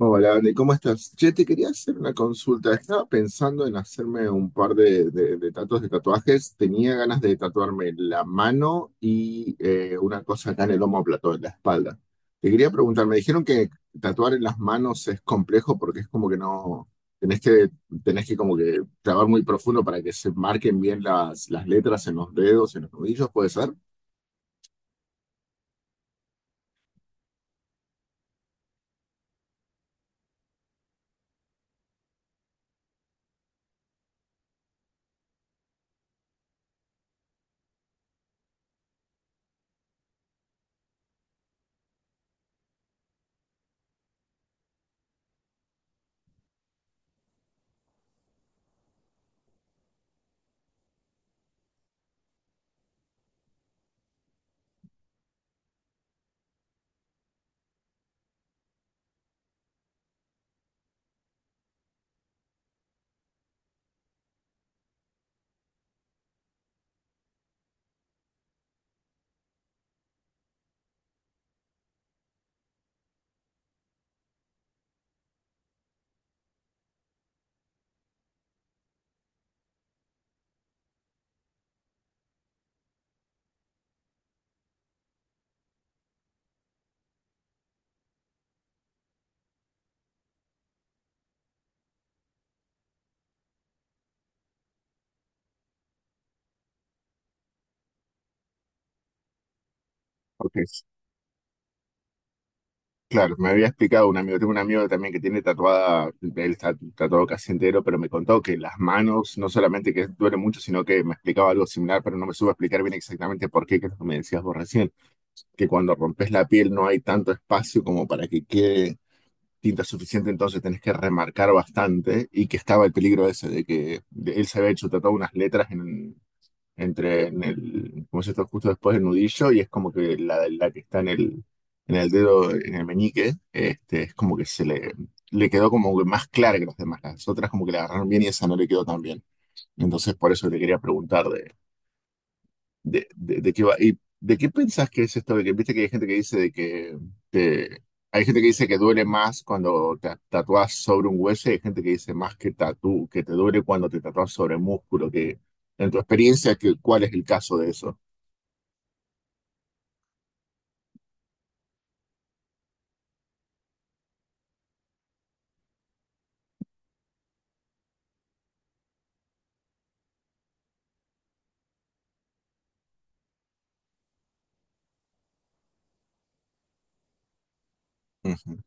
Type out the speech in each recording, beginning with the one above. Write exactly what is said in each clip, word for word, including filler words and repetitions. Hola, Andy, ¿cómo estás? Che, te quería hacer una consulta. Estaba pensando en hacerme un par de, de, de tatuajes de tatuajes. Tenía ganas de tatuarme la mano y eh, una cosa acá en el plató en la espalda. Te quería preguntar, me dijeron que tatuar en las manos es complejo porque es como que no, tenés que, tenés que como que trabajar muy profundo para que se marquen bien las, las letras en los dedos, en los nudillos, ¿puede ser? Ok. Claro, me había explicado un amigo, tengo un amigo también que tiene tatuada, él está tatuado casi entero, pero me contó que las manos no solamente que duele mucho, sino que me explicaba algo similar, pero no me supo explicar bien exactamente por qué, que es lo que me decías vos recién, que cuando rompes la piel no hay tanto espacio como para que quede tinta suficiente, entonces tenés que remarcar bastante y que estaba el peligro ese de que de- él se había hecho tatuado unas letras entre en el, como se está justo después del nudillo y es como que la, la que está en el, en el dedo, en el meñique, este, es como que se le, le quedó como que más clara que las demás. Las otras como que la agarraron bien y esa no le quedó tan bien. Entonces por eso te quería preguntar de, de, de, de qué va. ¿Y de qué pensás que es esto? De que viste que hay gente que dice de que te- hay gente que dice que duele más cuando te tatúas sobre un hueso y hay gente que dice más que tatú, que te duele cuando te tatúas sobre músculo, que en tu experiencia, que, ¿cuál es el caso de eso? Ujú.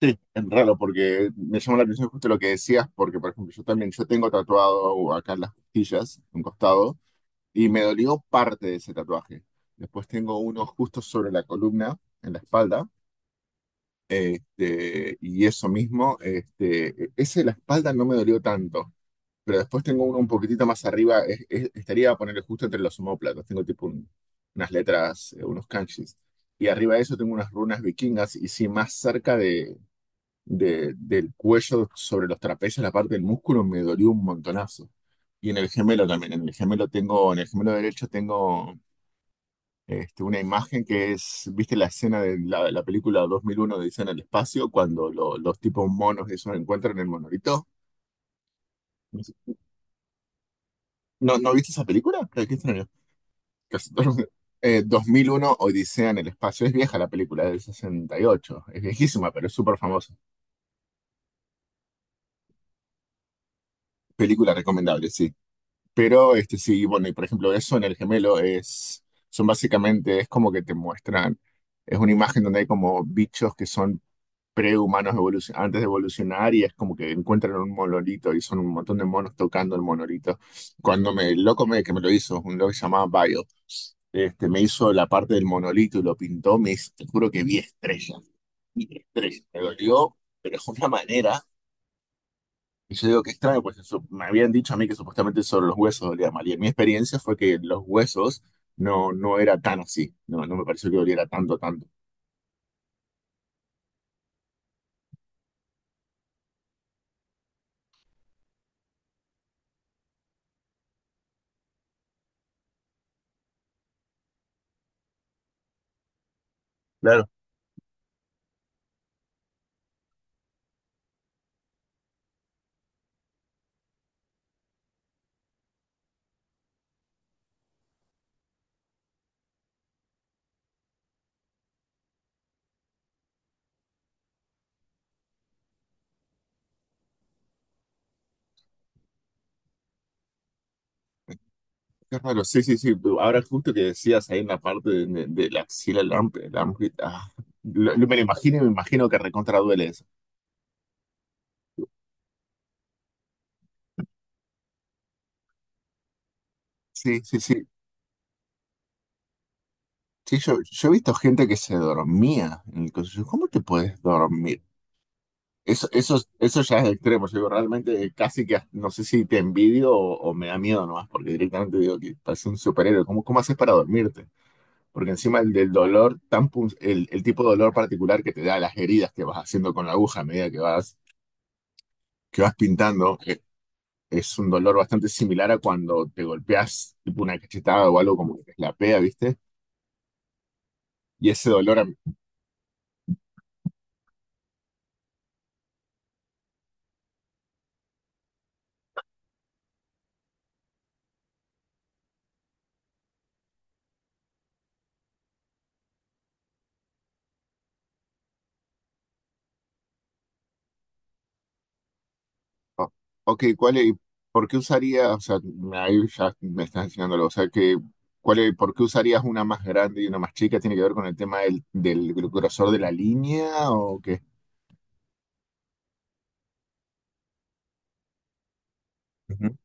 Sí, es raro porque me llama la atención justo lo que decías, porque por ejemplo yo también, yo tengo tatuado acá en las costillas, un costado, y me dolió parte de ese tatuaje. Después tengo uno justo sobre la columna, en la espalda, este, y eso mismo, este, ese de la espalda no me dolió tanto, pero después tengo uno un poquitito más arriba, es- es- estaría a ponerle justo entre los omóplatos, tengo tipo un- unas letras, eh, unos kanjis, y arriba de eso tengo unas runas vikingas, y sí, más cerca de- del cuello sobre los trapecios, la parte del músculo, me dolió un montonazo. Y en el gemelo también, en el gemelo tengo, en el gemelo derecho tengo este, una imagen que es, ¿viste la escena de la, la película dos mil uno de Odisea en el espacio? Cuando lo- los tipos monos esos encuentran el monolito. ¿No, no viste esa película? Ay, qué extraño. Casi todo- Eh, dos mil uno Odisea en el espacio. Es vieja la película, es del sesenta y ocho. Es viejísima, pero es súper famosa. Película recomendable, sí. Pero este sí, bueno, y por ejemplo, eso en el gemelo es, son básicamente, es como que te muestran, es una imagen donde hay como bichos que son prehumanos evolucion- antes de evolucionar y es como que encuentran un monolito y son un montón de monos tocando el monolito. Cuando me, el loco me, que me lo hizo, un loco que se llamaba Bio, este, me hizo la parte del monolito y lo pintó, me hizo- te juro que vi estrellas, vi estrellas, me dolió, pero es una manera. Y yo digo que extraño, porque su- me habían dicho a mí que supuestamente solo los huesos dolían mal. Y en mi experiencia fue que los huesos no, no era tan así. No, no me pareció que doliera tanto, tanto. Claro. Qué raro, sí, sí, sí. tú- Ahora justo que decías ahí en la parte de, de- de la axila, el am- el am- ah, lo- lo- me lo imagino y me imagino que recontra duele eso. Sí, sí, sí. Sí, yo, yo he visto gente que se dormía en el coso. Yo, ¿cómo te puedes dormir? Eso, eso, eso ya es extremo. Yo digo, realmente casi que hasta- no sé si te envidio o, o me da miedo nomás, porque directamente digo que parece un superhéroe. ¿Cómo, cómo haces para dormirte? Porque encima el del dolor, tan pun- el, el tipo de dolor particular que te da las heridas que vas haciendo con la aguja a medida que vas, que vas pintando, eh, es un dolor bastante similar a cuando te golpeas tipo una cachetada o algo como que te pea, ¿viste? Y ese dolor O- ok, ¿cuál es, por qué usaría, o sea, me- ahí ya me estás enseñándolo, o sea, que, ¿cuál es- por qué usarías una más grande y una más chica? ¿Tiene que ver con el tema del, del grosor de la línea o qué? Ujú.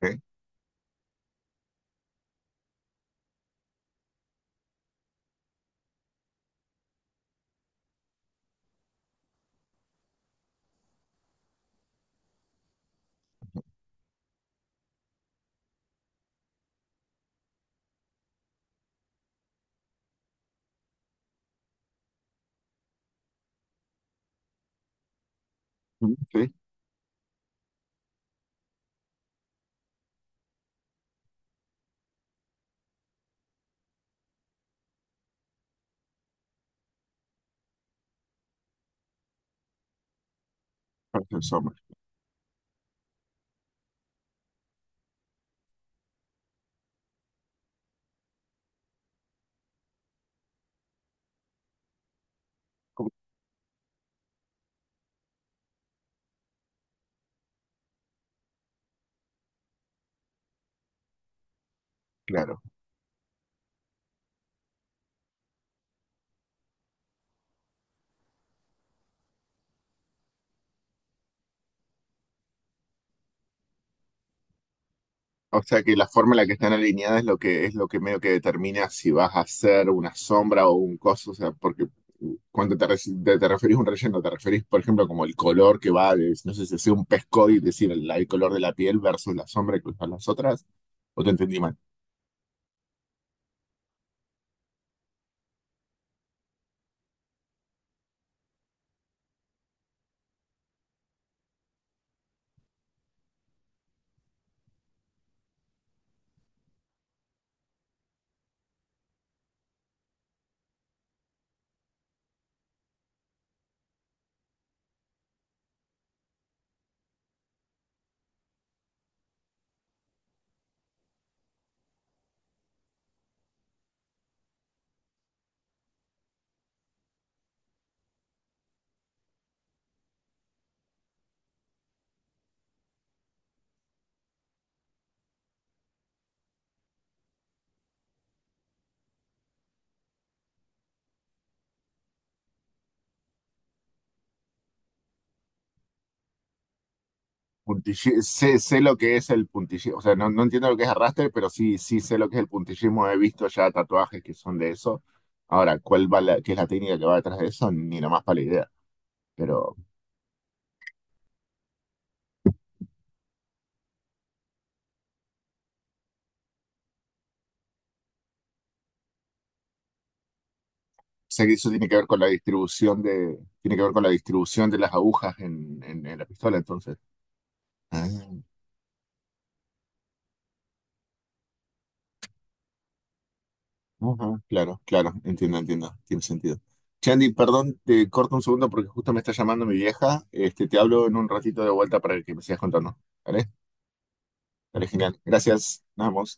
¿Eh? Sí, parece el sombra. Como- Claro. O sea que la forma en la que están alineadas es lo que es lo que medio que determina si vas a hacer una sombra o un coso, o sea, porque uh, cuando te, reci- te, te referís a un relleno, te referís, por ejemplo, como el color que va, de- no sé si sea un pescado y decir el, el color de la piel versus la sombra que usan las otras, o te entendí mal. Puntilli- sé, sé lo que es el puntillismo, o sea, no, no entiendo lo que es arrastre, pero sí, sí sé lo que es el puntillismo, he visto ya tatuajes que son de eso. Ahora, ¿cuál va la, qué es la técnica que va detrás de eso? Ni nomás para la idea, pero O sea que eso tiene que ver con la distribución de, tiene que ver con la distribución de las agujas en, en- en la pistola, entonces. Ah, ujú, claro, claro, entiendo, entiendo, tiene sentido. Chandy, perdón, te corto un segundo porque justo me está llamando mi vieja. Este, te hablo en un ratito de vuelta para que me sigas contando. ¿Vale? Vale, genial. Gracias. Nos vemos.